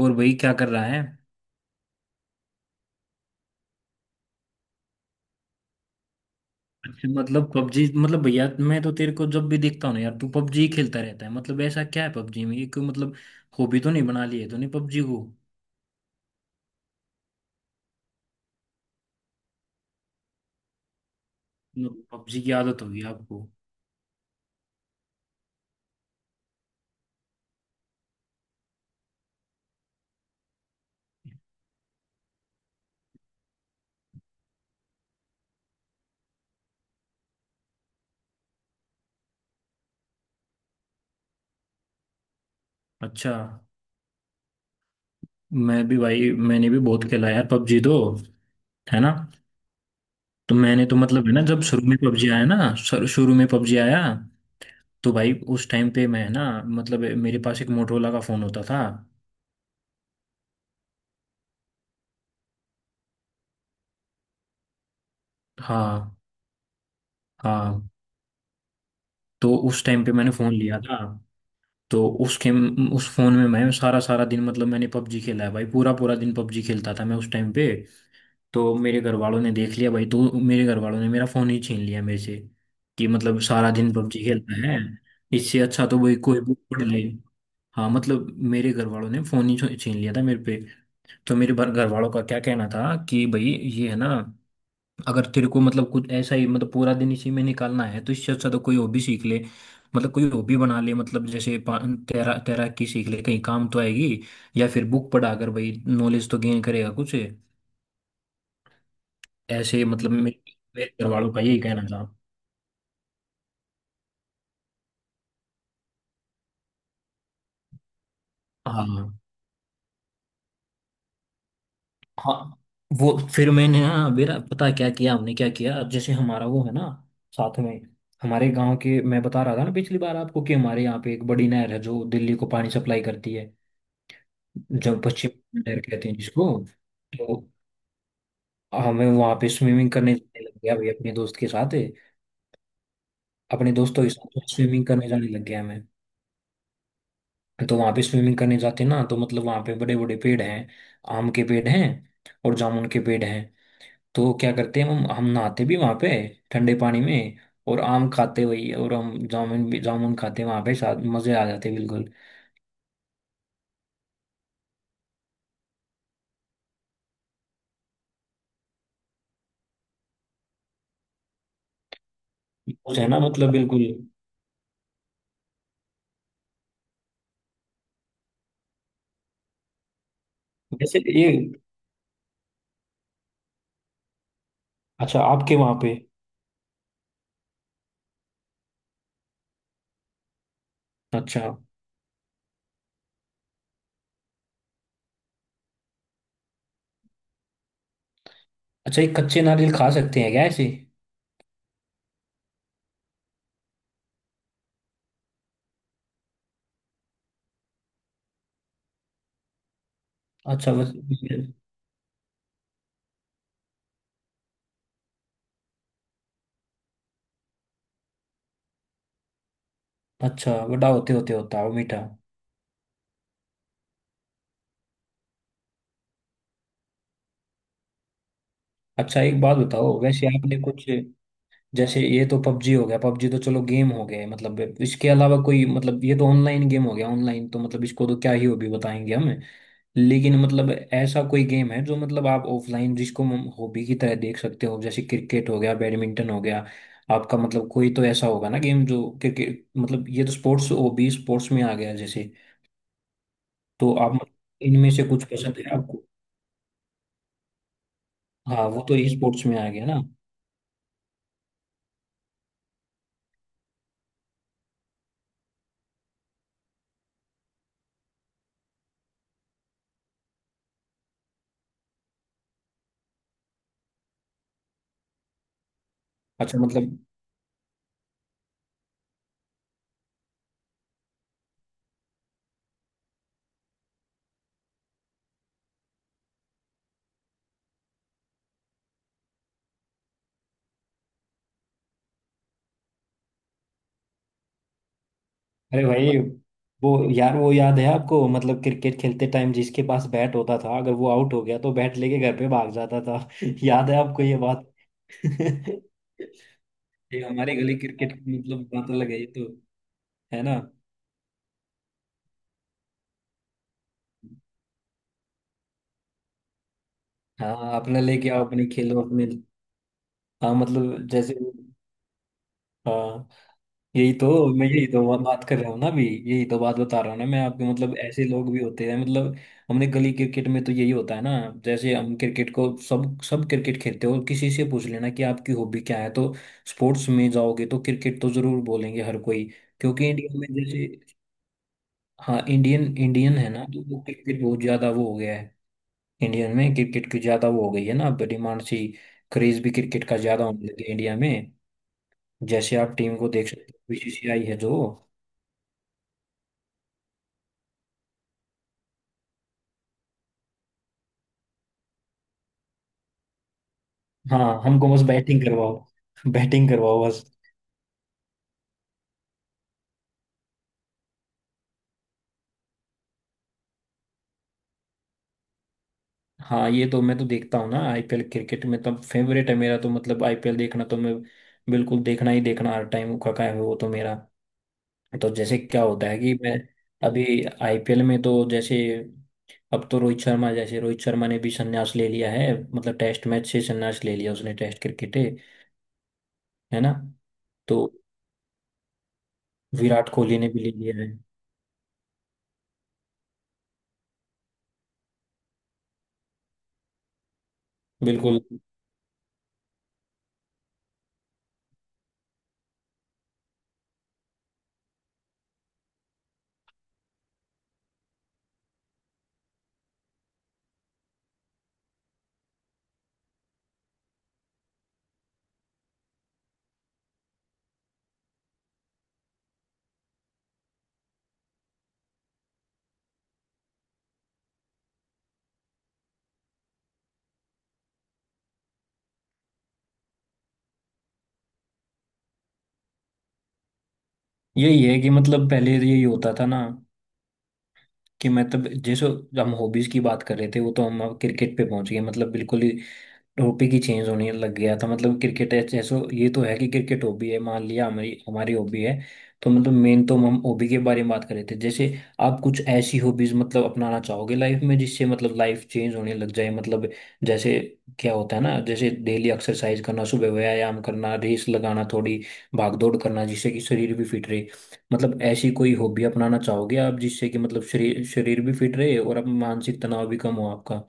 और भाई क्या कर रहा है। अच्छा, मतलब पबजी मतलब भैया मैं तो तेरे को जब भी देखता हूँ ना यार, तू पबजी खेलता रहता है। मतलब ऐसा क्या है पबजी में, ये कोई मतलब हॉबी तो नहीं बना ली है तूने पबजी को। पबजी की आदत होगी आपको। अच्छा। मैं भी भाई, मैंने भी बहुत खेला यार पबजी तो, है ना। तो मैंने तो मतलब है ना, जब शुरू में पबजी आया ना, शुरू शुरू में पबजी आया तो भाई उस टाइम पे मैं ना मतलब मेरे पास एक मोटरोला का फोन होता था। हाँ हाँ। तो उस टाइम पे मैंने फोन लिया था। तो उस गेम उस फोन में मैं सारा सारा दिन मतलब मैंने पबजी खेला है भाई, पूरा पूरा दिन पबजी खेलता था मैं उस टाइम पे। तो मेरे घर वालों ने देख लिया भाई, तो मेरे घर वालों ने मेरा फोन ही छीन लिया मेरे से कि मतलब सारा दिन पबजी खेलता है। इससे अच्छा तो भाई कोई बुक पढ़ ले। हाँ मतलब मेरे घर वालों ने फोन ही छीन लिया था मेरे पे। तो मेरे घर वालों का क्या कहना था कि भाई, ये है ना, अगर तेरे को मतलब कुछ ऐसा ही मतलब पूरा दिन इसी में निकालना है तो इससे अच्छा तो कोई हॉबी सीख ले, मतलब कोई हॉबी बना ले, मतलब जैसे तैराकी सीख ले, कहीं काम तो आएगी। या फिर बुक पढ़ा कर भाई, नॉलेज तो गेन करेगा कुछ। ऐसे मतलब मेरे मेरे घर वालों का यही कहना था। हाँ हाँ। वो फिर मैंने ना, मेरा पता क्या किया, हमने क्या किया, जैसे हमारा वो है ना, साथ में, हमारे गांव के, मैं बता रहा था ना पिछली बार आपको कि हमारे यहाँ पे एक बड़ी नहर है जो दिल्ली को पानी सप्लाई करती है, जो पश्चिम लहर कहते हैं जिसको। तो हमें वहां पे स्विमिंग करने जाने लग गया भाई अपने दोस्त के साथ, अपने दोस्तों के साथ स्विमिंग करने जाने लग गया मैं। तो वहां पे स्विमिंग करने जाते ना तो मतलब वहां पे बड़े बड़े पेड़ हैं, आम के पेड़ हैं और जामुन के पेड़ हैं। तो क्या करते हैं, हम नहाते भी वहां पे, ठंडे पानी में, और आम खाते वही, और हम जामुन भी जामुन खाते वहां पे साथ, मजे आ जाते बिल्कुल। कुछ है ना, मतलब बिल्कुल। जैसे ये, अच्छा आपके वहां पे। अच्छा। अच्छा, ये कच्चे नारियल खा सकते हैं क्या ऐसे? अच्छा बस। अच्छा, बड़ा होते होते होता है वो मीठा। अच्छा एक बात बताओ, वैसे आपने कुछ, जैसे ये तो पबजी हो गया, पबजी तो चलो गेम हो गए, मतलब इसके अलावा कोई, मतलब ये तो ऑनलाइन गेम हो गया, ऑनलाइन तो मतलब इसको तो क्या ही हॉबी बताएंगे हम। लेकिन मतलब ऐसा कोई गेम है जो, मतलब आप ऑफलाइन, जिसको हम हॉबी की तरह देख सकते हो, जैसे क्रिकेट हो गया, बैडमिंटन हो गया आपका, मतलब कोई तो ऐसा होगा ना गेम, जो क्रिकेट, मतलब ये तो स्पोर्ट्स हॉबी, स्पोर्ट्स में आ गया जैसे। तो आप मतलब, इनमें से कुछ पसंद है आपको? हाँ वो तो ई स्पोर्ट्स में आ गया ना। अच्छा मतलब। अरे भाई, वो, यार वो याद है आपको मतलब क्रिकेट खेलते टाइम, जिसके पास बैट होता था अगर वो आउट हो गया तो बैट लेके घर पे भाग जाता था याद है आपको ये बात ये हमारे गली क्रिकेट की मतलब बात अलग है ये तो, है ना। हाँ अपना लेके आओ, अपने खेलो अपने। हाँ मतलब जैसे, हाँ, यही तो मैं, यही तो बात कर रहा हूँ ना अभी, यही तो बात बता रहा हूँ ना मैं आपको, मतलब ऐसे लोग भी होते हैं मतलब। हमने गली क्रिकेट में तो यही होता है ना। जैसे हम क्रिकेट को सब सब क्रिकेट खेलते हो, किसी से पूछ लेना कि आपकी हॉबी क्या है तो, स्पोर्ट्स में जाओगे तो क्रिकेट तो जरूर बोलेंगे हर कोई। क्योंकि इंडिया में जैसे, हाँ इंडियन इंडियन है ना, तो वो क्रिकेट बहुत ज्यादा वो हो गया है। इंडियन में क्रिकेट की ज्यादा वो हो गई है ना अब, डिमांड सी। क्रेज भी क्रिकेट का ज्यादा होने लगे इंडिया में। जैसे आप टीम को देख सकते हो, बीसीसीआई है जो। हाँ हमको बस बैटिंग करवाओ, बैटिंग करवाओ बस। हाँ ये तो मैं तो देखता हूँ ना आईपीएल, क्रिकेट में तो फेवरेट है मेरा तो, मतलब आईपीएल देखना तो मैं बिल्कुल, देखना ही देखना हर टाइम का काम है वो तो मेरा। तो जैसे क्या होता है कि मैं अभी आईपीएल में तो जैसे अब तो रोहित शर्मा, जैसे रोहित शर्मा ने भी संन्यास ले लिया है, मतलब टेस्ट मैच से संन्यास ले लिया उसने, टेस्ट क्रिकेट है ना। तो विराट कोहली ने भी ले लिया है। बिल्कुल। यही है कि मतलब पहले तो यही होता था ना, कि मतलब जैसे हम हॉबीज की बात कर रहे थे, वो तो हम अब क्रिकेट पे पहुंच गए, मतलब बिल्कुल ही हॉबी की चेंज होने लग गया था, मतलब क्रिकेट है जैसे, ये तो है कि क्रिकेट हॉबी है, मान लिया हमारी हमारी हॉबी है। तो मतलब मेन तो हम हॉबी के बारे में बात कर रहे थे, जैसे आप कुछ ऐसी हॉबीज मतलब अपनाना चाहोगे लाइफ में, जिससे मतलब लाइफ चेंज होने लग जाए मतलब, जैसे क्या होता है ना, जैसे डेली एक्सरसाइज करना, सुबह व्यायाम करना, रेस लगाना थोड़ी, भाग दौड़ करना, जिससे कि शरीर भी फिट रहे, मतलब ऐसी कोई हॉबी अपनाना चाहोगे आप, जिससे कि मतलब शरीर शरीर भी फिट रहे और आप, मानसिक तनाव भी कम हो आपका।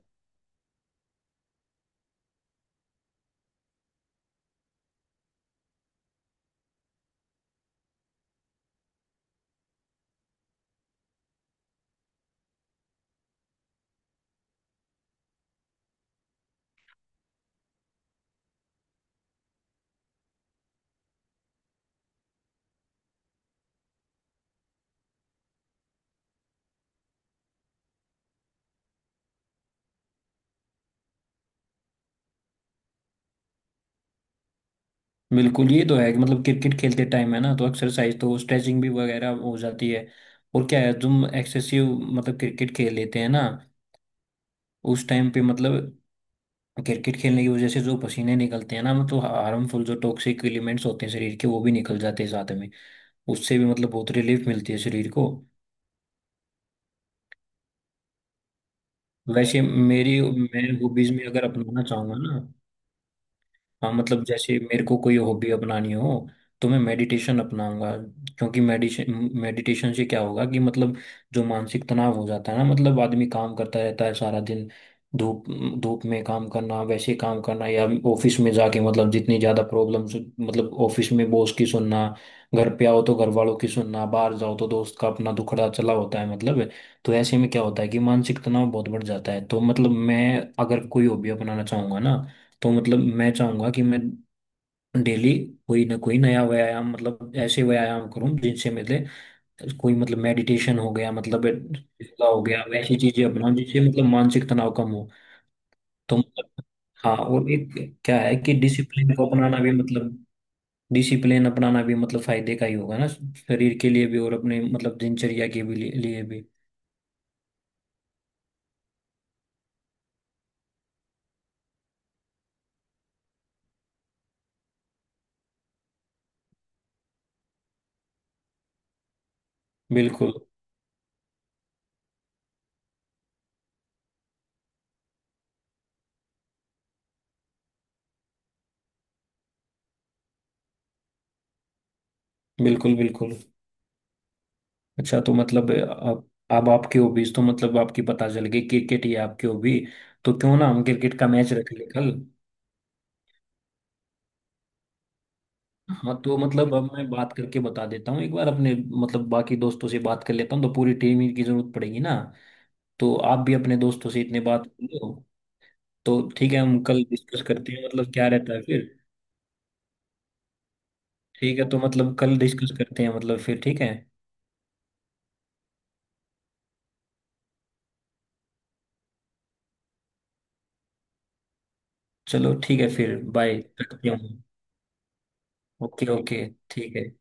बिल्कुल, ये तो है कि मतलब क्रिकेट खेलते टाइम है ना, तो एक्सरसाइज तो स्ट्रेचिंग भी वगैरह हो जाती है। और क्या है, तुम एक्सेसिव मतलब क्रिकेट खेल लेते हैं ना, उस टाइम पे मतलब क्रिकेट खेलने की वजह से जो पसीने निकलते हैं ना, मतलब हार्मफुल जो टॉक्सिक एलिमेंट्स होते हैं शरीर के वो भी निकल जाते हैं साथ में। उससे भी मतलब बहुत रिलीफ मिलती है शरीर को। वैसे मेरी, मैं हॉबीज में अगर अपनाना चाहूंगा ना, हाँ मतलब जैसे मेरे को कोई हॉबी अपनानी हो, तो मैं मेडिटेशन अपनाऊंगा। क्योंकि मेडिटेशन, मेडिटेशन से क्या होगा कि मतलब जो मानसिक तनाव हो जाता है ना, मतलब आदमी काम करता रहता है सारा दिन, धूप धूप में काम करना, वैसे काम करना, या ऑफिस में जाके, मतलब जितनी ज़्यादा प्रॉब्लम्स, मतलब ऑफिस में बॉस की सुनना, घर पे आओ तो घर वालों की सुनना, बाहर जाओ तो दोस्त का अपना दुखड़ा चला होता है मतलब। तो ऐसे में क्या होता है कि मानसिक तनाव बहुत बढ़ जाता है, तो मतलब मैं अगर कोई हॉबी अपनाना चाहूंगा ना, तो मतलब मैं चाहूंगा कि मैं डेली कोई ना कोई नया व्यायाम, मतलब ऐसे व्यायाम करूं जिनसे मेरे, कोई मतलब मेडिटेशन हो गया, मतलब योगा हो गया, वैसी चीजें अपनाऊं जिससे मतलब मानसिक तनाव कम हो। तो मतलब, हाँ और एक क्या है कि डिसिप्लिन को अपनाना भी मतलब, डिसिप्लिन अपनाना भी मतलब फायदे का ही होगा ना, शरीर के लिए भी और अपने मतलब दिनचर्या के भी लिए लिए भी। बिल्कुल बिल्कुल बिल्कुल। अच्छा, तो मतलब अब आपकी हॉबीज तो मतलब आपकी पता चल गई, क्रिकेट ही है आपकी हॉबी। तो क्यों ना हम क्रिकेट का मैच रख ले कल। हाँ तो मतलब अब मैं बात करके बता देता हूँ एक बार अपने, मतलब बाकी दोस्तों से बात कर लेता हूँ, तो पूरी टीम ही की जरूरत पड़ेगी ना, तो आप भी अपने दोस्तों से इतने बात कर लो। तो ठीक है, हम कल डिस्कस करते हैं मतलब, क्या रहता है फिर, ठीक है, तो मतलब कल डिस्कस करते हैं मतलब फिर, ठीक है। चलो ठीक है, फिर बाय। रखते हूँ। ओके ओके ठीक है कर।